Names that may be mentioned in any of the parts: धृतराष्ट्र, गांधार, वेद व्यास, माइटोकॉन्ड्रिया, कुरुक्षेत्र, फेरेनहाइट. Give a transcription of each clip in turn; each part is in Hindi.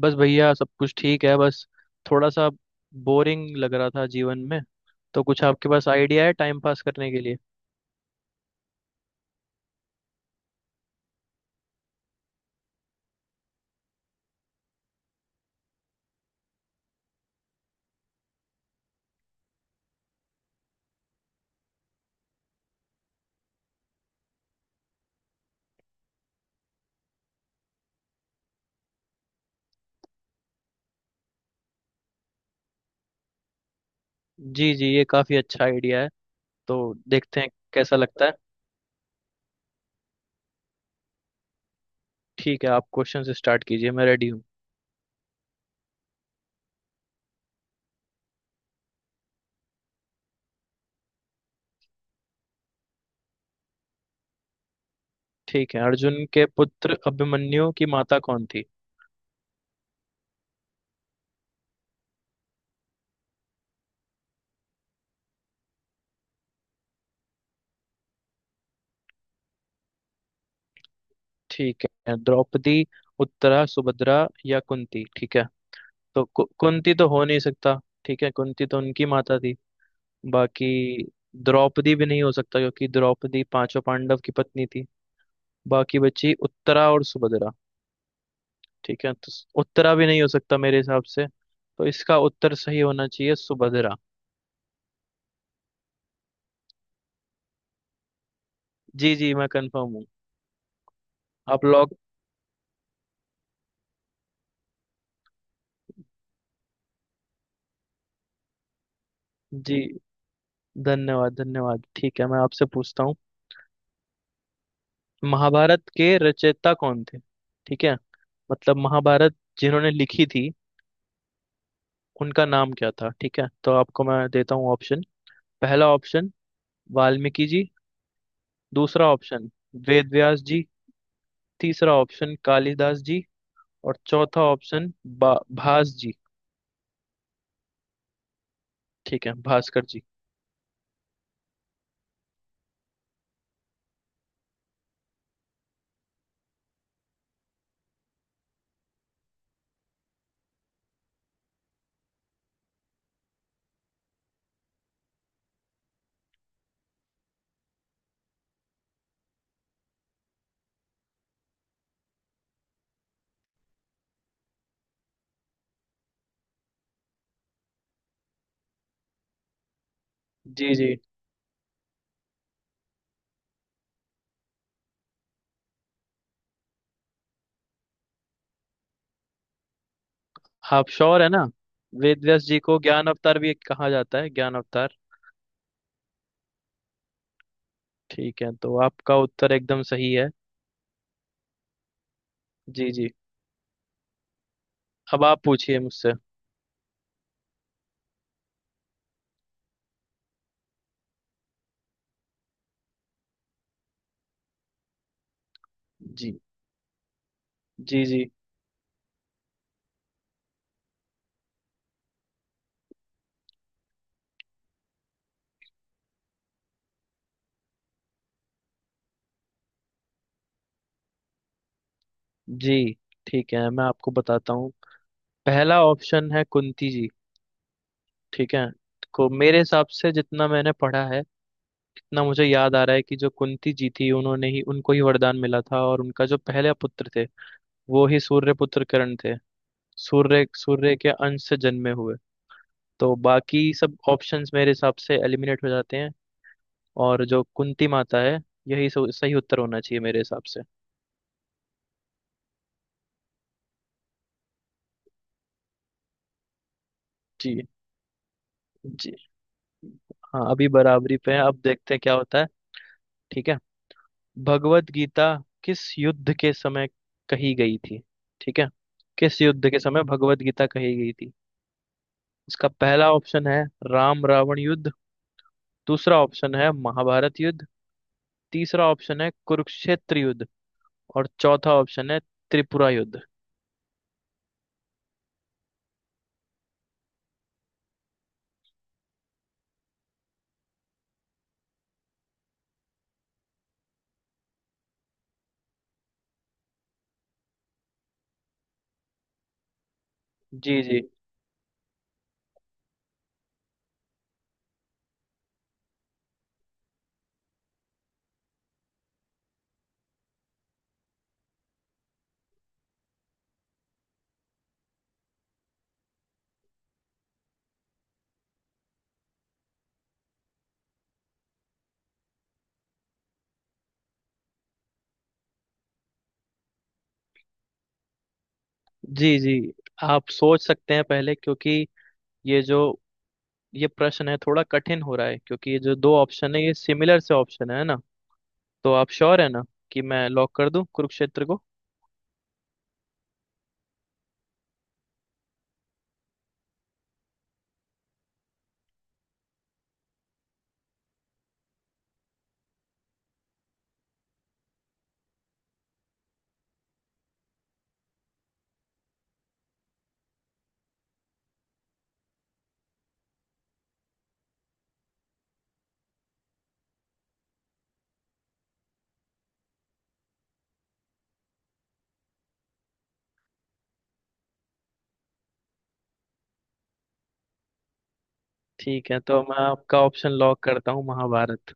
बस भैया, सब कुछ ठीक है। बस थोड़ा सा बोरिंग लग रहा था जीवन में, तो कुछ आपके पास आइडिया है टाइम पास करने के लिए? जी जी, ये काफ़ी अच्छा आइडिया है। तो देखते हैं कैसा लगता है। ठीक है, आप क्वेश्चन से स्टार्ट कीजिए, मैं रेडी हूँ। ठीक है, अर्जुन के पुत्र अभिमन्यु की माता कौन थी? ठीक है, द्रौपदी, उत्तरा, सुभद्रा या कुंती। ठीक है, तो कुंती तो हो नहीं सकता। ठीक है, कुंती तो उनकी माता थी। बाकी द्रौपदी भी नहीं हो सकता क्योंकि द्रौपदी पांचों पांडव की पत्नी थी। बाकी बची उत्तरा और सुभद्रा। ठीक है, तो उत्तरा भी नहीं हो सकता मेरे हिसाब से। तो इसका उत्तर सही होना चाहिए सुभद्रा। जी जी, मैं कंफर्म हूँ। आप लोग। जी, धन्यवाद धन्यवाद। ठीक है, मैं आपसे पूछता हूँ, महाभारत के रचयिता कौन थे? ठीक है, मतलब महाभारत जिन्होंने लिखी थी, उनका नाम क्या था? ठीक है, तो आपको मैं देता हूँ ऑप्शन। पहला ऑप्शन वाल्मीकि जी। दूसरा ऑप्शन वेद व्यास जी। तीसरा ऑप्शन कालिदास जी। और चौथा ऑप्शन बा भास जी। ठीक है, भास्कर जी। जी जी, आप श्योर है ना? वेद व्यास जी को ज्ञान अवतार भी कहा जाता है, ज्ञान अवतार। ठीक है, तो आपका उत्तर एकदम सही है। जी जी, अब आप पूछिए मुझसे। जी जी। जी जी। ठीक है, मैं आपको बताता हूँ, पहला ऑप्शन है कुंती जी। ठीक है, को मेरे हिसाब से, जितना मैंने पढ़ा है, इतना मुझे याद आ रहा है कि जो कुंती जी थी, उन्होंने ही, उनको ही वरदान मिला था और उनका जो पहले पुत्र थे, वो ही सूर्य पुत्र करण थे। सूर्य सूर्य के अंश से जन्मे हुए। तो बाकी सब ऑप्शंस मेरे हिसाब से एलिमिनेट हो जाते हैं और जो कुंती माता है, यही सही उत्तर होना चाहिए मेरे हिसाब से। जी जी। हाँ, अभी बराबरी पे है। अब देखते हैं क्या होता है। ठीक है, भगवत गीता किस युद्ध के समय कही गई थी? ठीक है, किस युद्ध के समय भगवत गीता कही गई थी? इसका पहला ऑप्शन है राम रावण युद्ध। दूसरा ऑप्शन है महाभारत युद्ध। तीसरा ऑप्शन है कुरुक्षेत्र युद्ध। और चौथा ऑप्शन है त्रिपुरा युद्ध। जी जी। जी जी। आप सोच सकते हैं पहले, क्योंकि ये जो ये प्रश्न है, थोड़ा कठिन हो रहा है क्योंकि ये जो दो ऑप्शन है, ये सिमिलर से ऑप्शन है ना। तो आप श्योर है ना कि मैं लॉक कर दूं कुरुक्षेत्र को? ठीक है, तो मैं आपका ऑप्शन लॉक करता हूँ महाभारत।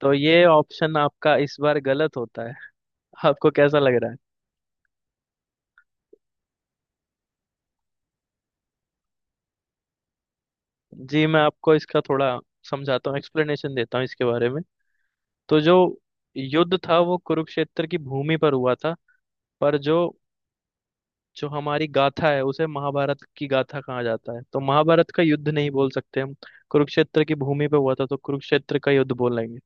तो ये ऑप्शन आपका इस बार गलत होता है। आपको कैसा लग रहा है? जी, मैं आपको इसका थोड़ा समझाता हूँ, एक्सप्लेनेशन देता हूँ इसके बारे में। तो जो युद्ध था वो कुरुक्षेत्र की भूमि पर हुआ था। पर जो जो हमारी गाथा है, उसे महाभारत की गाथा कहा जाता है। तो महाभारत का युद्ध नहीं बोल सकते हम। कुरुक्षेत्र की भूमि पे हुआ था, तो कुरुक्षेत्र का युद्ध बोलेंगे।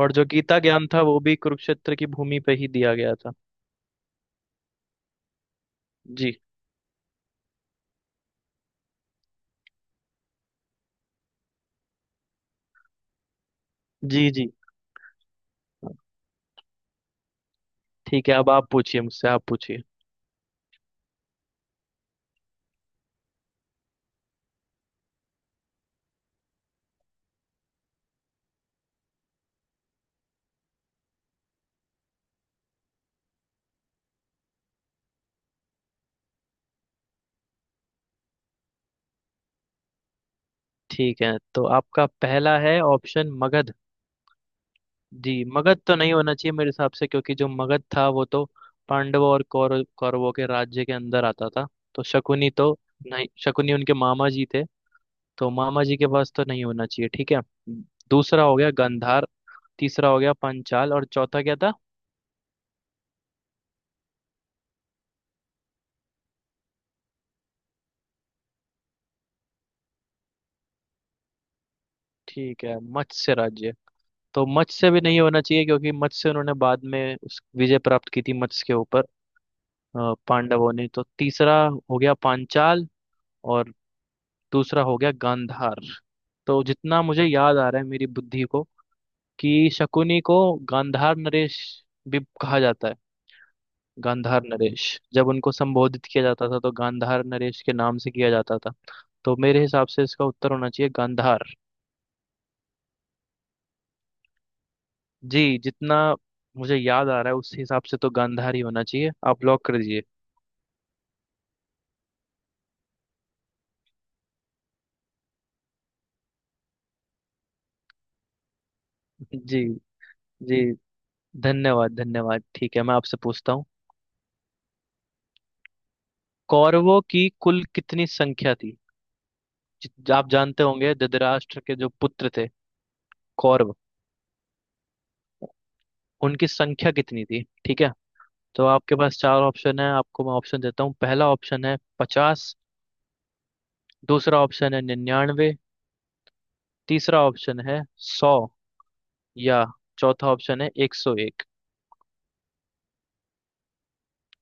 और जो गीता ज्ञान था वो भी कुरुक्षेत्र की भूमि पे ही दिया गया था। जी जी। जी। ठीक है, अब आप पूछिए मुझसे, आप पूछिए। ठीक है, तो आपका पहला है ऑप्शन मगध। जी, मगध तो नहीं होना चाहिए मेरे हिसाब से क्योंकि जो मगध था वो तो पांडवों और कौरवों के राज्य के अंदर आता था। तो शकुनी तो, नहीं, शकुनी उनके मामा जी थे। तो मामा जी के पास तो नहीं होना चाहिए। ठीक है, दूसरा हो गया गंधार। तीसरा हो गया पंचाल। और चौथा क्या था? ठीक है, मत्स्य राज्य। तो मत्स्य भी नहीं होना चाहिए क्योंकि मत्स्य उन्होंने बाद में उस विजय प्राप्त की थी मत्स्य के ऊपर। पांडवों ने। तो तीसरा हो गया पांचाल और दूसरा हो गया गांधार। तो जितना मुझे याद आ रहा है मेरी बुद्धि को, कि शकुनी को गांधार नरेश भी कहा जाता है। गांधार नरेश जब उनको संबोधित किया जाता था तो गांधार नरेश के नाम से किया जाता था। तो मेरे हिसाब से इसका उत्तर होना चाहिए गांधार। जी, जितना मुझे याद आ रहा है उस हिसाब से तो गांधार ही होना चाहिए। आप लॉक कर दीजिए। जी जी, धन्यवाद धन्यवाद। ठीक है, मैं आपसे पूछता हूँ, कौरवों की कुल कितनी संख्या थी? आप जानते होंगे धृतराष्ट्र के जो पुत्र थे कौरव, उनकी संख्या कितनी थी? ठीक है, तो आपके पास चार ऑप्शन है। आपको मैं ऑप्शन देता हूँ। पहला ऑप्शन है 50। दूसरा ऑप्शन है 99। तीसरा ऑप्शन है 100। या चौथा ऑप्शन है 101।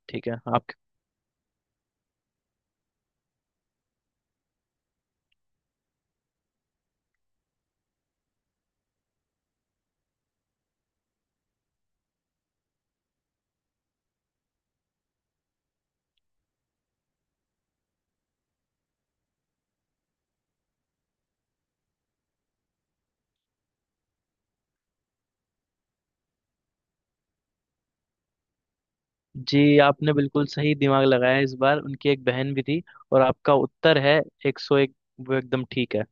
ठीक है, आप। जी, आपने बिल्कुल सही दिमाग लगाया इस बार। उनकी एक बहन भी थी और आपका उत्तर है 101, वो एकदम ठीक है।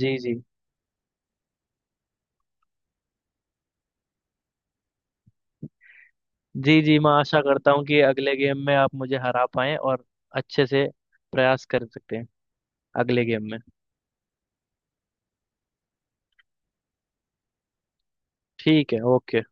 जी जी। जी जी। मैं आशा करता हूँ कि अगले गेम में आप मुझे हरा पाएं और अच्छे से प्रयास कर सकते हैं अगले गेम में। ठीक है, ओके।